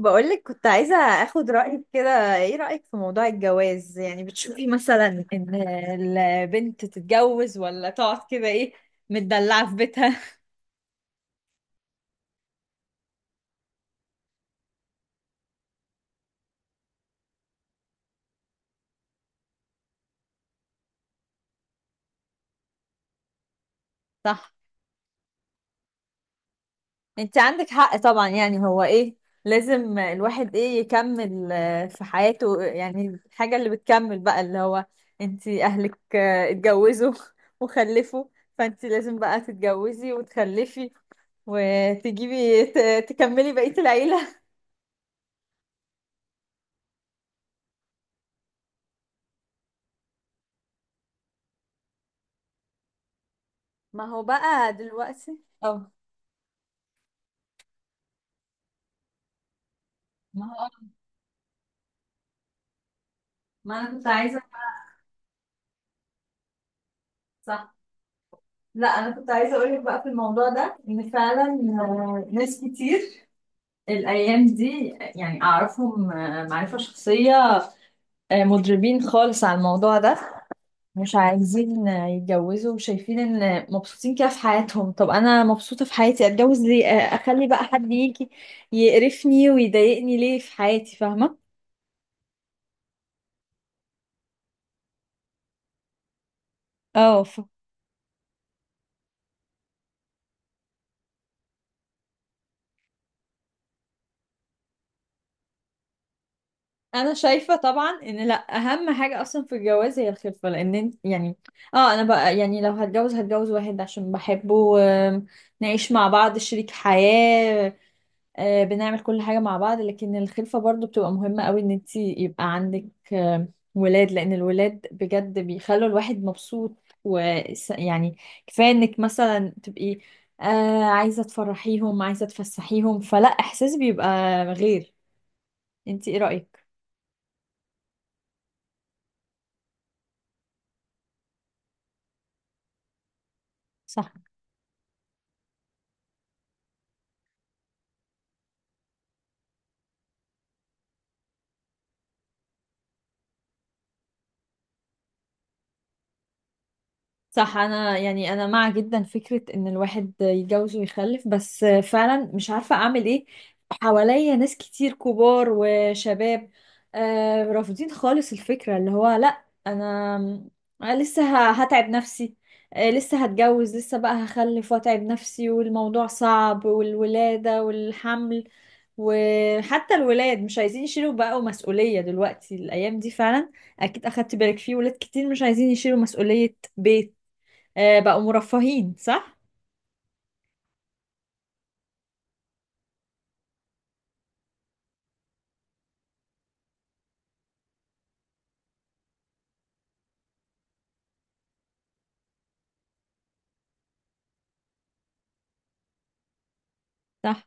بقولك، كنت عايزة اخد رأيك. كده ايه رأيك في موضوع الجواز؟ يعني بتشوفي مثلا ان البنت تتجوز ولا تقعد كده ايه متدلعة في بيتها؟ صح. انت عندك حق طبعا. يعني هو ايه، لازم الواحد ايه يكمل في حياته. يعني الحاجة اللي بتكمل بقى اللي هو انت اهلك اتجوزوا وخلفوا. فانت لازم بقى تتجوزي وتخلفي وتجيبي تكملي بقية العيلة. ما هو بقى دلوقتي. اه. ما هو، ما انا كنت عايزه. صح. لا انا كنت عايزه اقول لك بقى في الموضوع ده ان فعلا ناس كتير الايام دي، يعني اعرفهم معرفه شخصيه. مضربين خالص على الموضوع ده، مش عايزين يتجوزوا، وشايفين ان مبسوطين كده في حياتهم. طب انا مبسوطه في حياتي، اتجوز ليه؟ اخلي بقى حد يجي يقرفني ويضايقني ليه في حياتي؟ فاهمه؟ اه. انا شايفه طبعا ان لا، اهم حاجه اصلا في الجواز هي الخلفه، لان يعني اه. انا بقى يعني لو هتجوز هتجوز واحد عشان بحبه، نعيش مع بعض شريك حياه. بنعمل كل حاجه مع بعض، لكن الخلفه برضو بتبقى مهمه قوي ان انت يبقى عندك ولاد، لان الولاد بجد بيخلوا الواحد مبسوط. ويعني كفايه انك مثلا تبقي عايزه تفرحيهم، عايزه تفسحيهم. فلا، احساس بيبقى غير. انت ايه رايك؟ صح. صح، انا يعني انا مع جدا فكرة ان الواحد يتجوز ويخلف، بس فعلا مش عارفة اعمل ايه. حواليا ناس كتير كبار وشباب رافضين خالص الفكرة، اللي هو لا أنا لسه هتعب نفسي. لسه هتجوز، لسه بقى هخلف واتعب نفسي، والموضوع صعب والولادة والحمل. وحتى الولاد مش عايزين يشيلوا بقوا مسؤولية دلوقتي الايام دي فعلا. اكيد اخدت بالك فيه ولاد كتير مش عايزين يشيلوا مسؤولية بيت. بقوا مرفهين. صح. صح.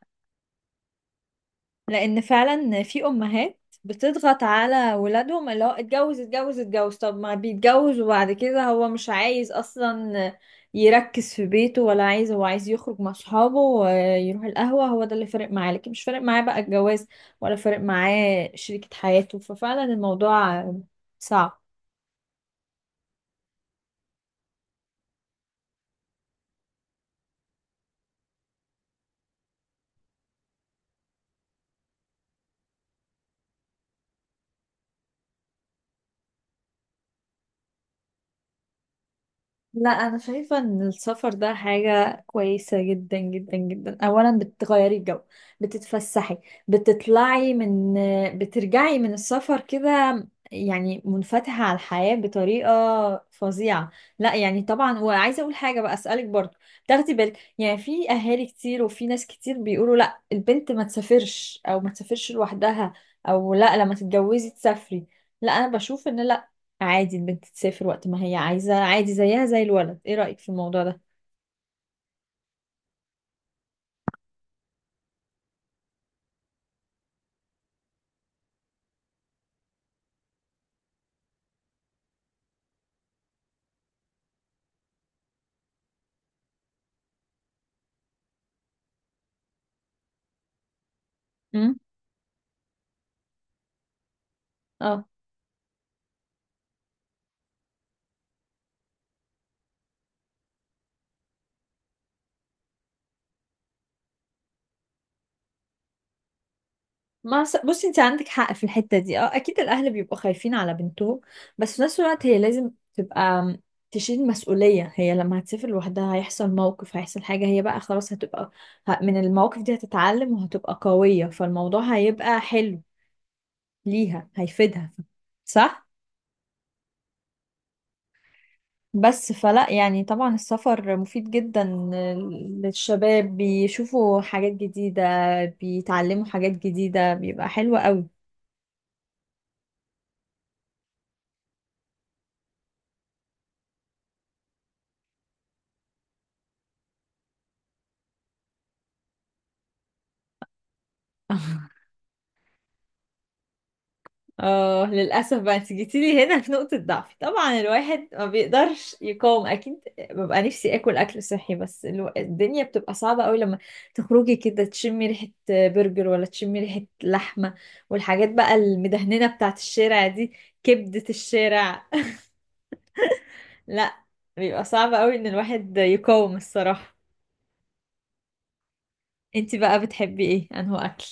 لان فعلا في امهات بتضغط على ولادهم، اللي هو اتجوز اتجوز اتجوز. طب ما بيتجوز وبعد كده هو مش عايز اصلا يركز في بيته. ولا عايز، هو عايز يخرج مع صحابه ويروح القهوة. هو ده اللي فارق معاه، لكن مش فارق معاه بقى الجواز ولا فارق معاه شريكة حياته. ففعلا الموضوع صعب. لا انا شايفه ان السفر ده حاجه كويسه جدا جدا جدا. اولا بتغيري الجو، بتتفسحي، بتطلعي من، بترجعي من السفر كده يعني منفتحه على الحياه بطريقه فظيعه. لا يعني طبعا، وعايزه اقول حاجه بقى اسالك برضو. تاخدي بالك، يعني في اهالي كتير وفي ناس كتير بيقولوا لا البنت ما تسافرش، او ما تسافرش لوحدها، او لا لما تتجوزي تسافري. لا انا بشوف ان لا، عادي البنت تسافر وقت ما هي عايزة، عادي زيها زي الولد. ايه رأيك في الموضوع ده؟ امم. اه. ما س- بصي انت عندك حق في الحتة دي. اه، اكيد الاهل بيبقوا خايفين على بنتهم. بس في نفس الوقت هي لازم تبقى تشيل مسؤولية. هي لما هتسافر لوحدها هيحصل موقف، هيحصل حاجة. هي بقى خلاص هتبقى من المواقف دي هتتعلم وهتبقى قوية. فالموضوع هيبقى حلو ليها، هيفيدها. صح. بس فلا يعني طبعا السفر مفيد جدا للشباب، بيشوفوا حاجات جديدة، بيتعلموا حاجات جديدة، بيبقى حلو قوي. اه للأسف بقى انت جيتيلي هنا في نقطة ضعفي، طبعا الواحد ما بيقدرش يقاوم أكيد. ببقى نفسي آكل أكل صحي، بس الدنيا بتبقى صعبة قوي لما تخرجي كده تشمي ريحة برجر ولا تشمي ريحة لحمة والحاجات بقى المدهننة بتاعت الشارع دي، كبدة الشارع. لا بيبقى صعب قوي ان الواحد يقاوم الصراحة. انت بقى بتحبي ايه انه اكل؟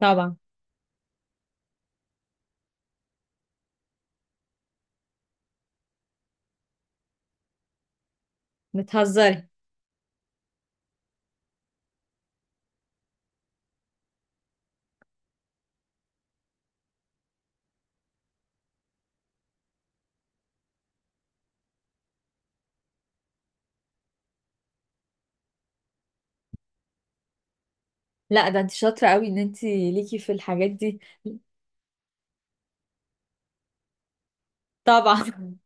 طبعا. بتهزري؟ لا ده انت شاطرة قوي ان انت ليكي في الحاجات دي. طبعا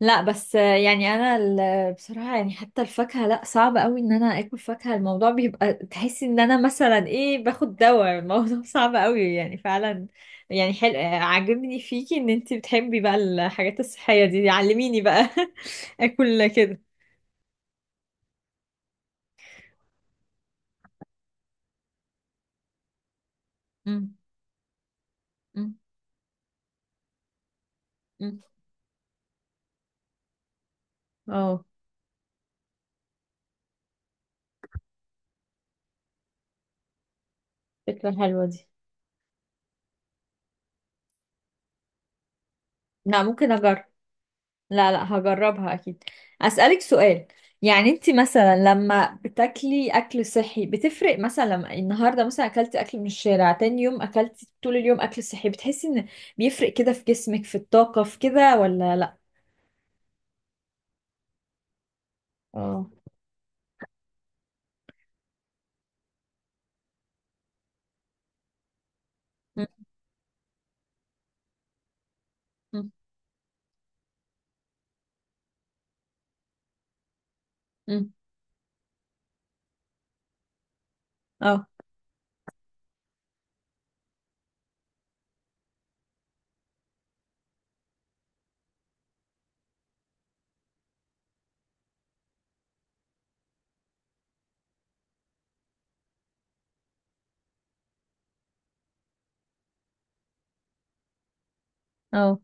لا بس يعني انا بصراحة يعني حتى الفاكهة، لا صعب قوي ان انا اكل فاكهة. الموضوع بيبقى تحسي ان انا مثلا ايه باخد دواء. الموضوع صعب قوي يعني فعلا. يعني حلو عاجبني فيكي ان انت بتحبي بقى الحاجات الصحية دي. علميني بقى اكل كده. مم. مم. اه فكرة حلوة دي. لا ممكن اجرب. لا لا هجربها اكيد. اسألك سؤال. يعني انت مثلا لما بتاكلي اكل صحي بتفرق؟ مثلا لما النهارده مثلا اكلتي اكل من الشارع، تاني يوم اكلتي طول اليوم اكل صحي، بتحسي ان بيفرق كده في جسمك، في الطاقة، في كده ولا لا؟ اه. م- م- م. اه. اه.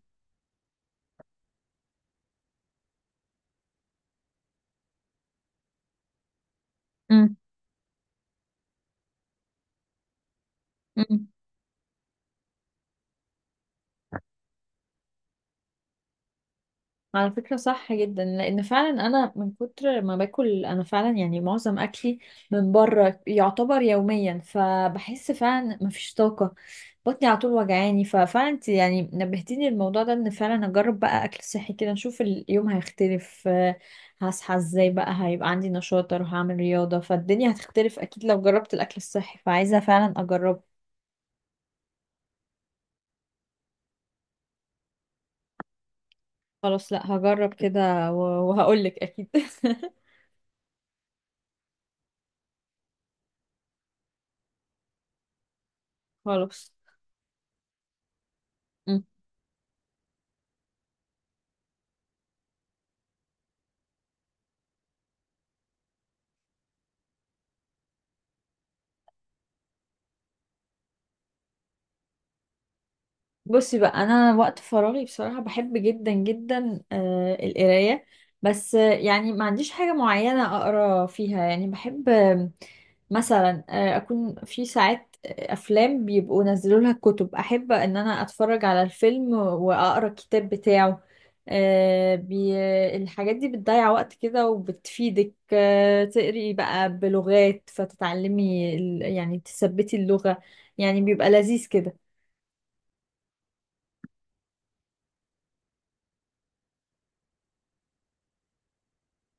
م- م. على فكرة صح جدا، لأن فعلا أنا من كتر ما باكل، أنا فعلا يعني معظم أكلي من بره يعتبر يوميا، فبحس فعلا مفيش طاقة. بطني على طول وجعاني. ففعلا انت يعني نبهتيني الموضوع ده إن فعلا أجرب بقى أكل صحي كده نشوف اليوم هيختلف. هصحى ازاي بقى، هيبقى عندي نشاط، أروح أعمل رياضة، فالدنيا هتختلف أكيد لو جربت الأكل الصحي. فعايزة فعلا أجربه. خلاص لأ، هجرب كده وهقولك أكيد خلاص. بصي بقى، انا وقت فراغي بصراحه بحب جدا جدا القرايه. بس يعني ما عنديش حاجه معينه اقرا فيها، يعني بحب مثلا اكون في ساعات افلام بيبقوا نزلوا لها كتب، احب ان انا اتفرج على الفيلم واقرا الكتاب بتاعه. آه، بي... الحاجات دي بتضيع وقت كده وبتفيدك تقري بقى بلغات، فتتعلمي يعني تثبتي اللغه يعني بيبقى لذيذ كده.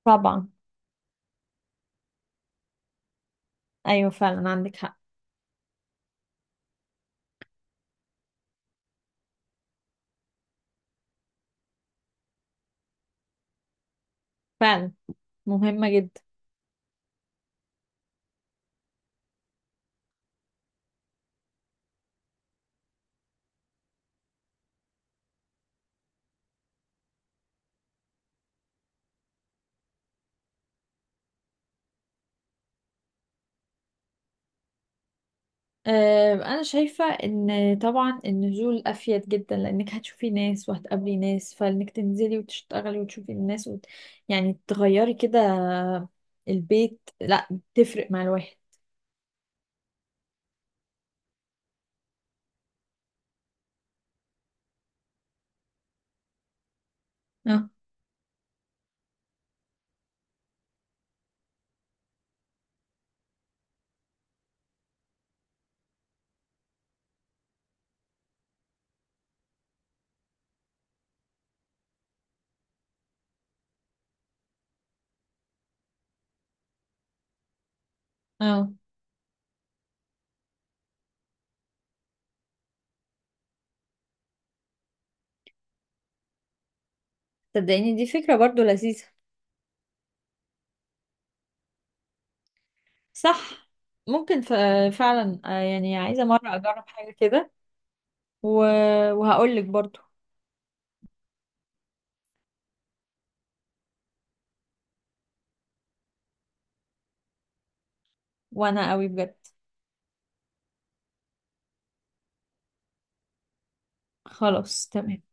طبعا. ايوه فعلا عندك حق. فعلا مهمة جدا. انا شايفة ان طبعا النزول افيد جدا، لانك هتشوفي ناس وهتقابلي ناس، فانك تنزلي وتشتغلي وتشوفي الناس يعني تغيري كده البيت. لا، تفرق مع الواحد. اه. اه صدقيني دي فكرة برضو لذيذة. صح ممكن فعلا يعني عايزة مرة اجرب حاجة كده و... وهقولك برضو. وانا قوي بجد. خلاص تمام.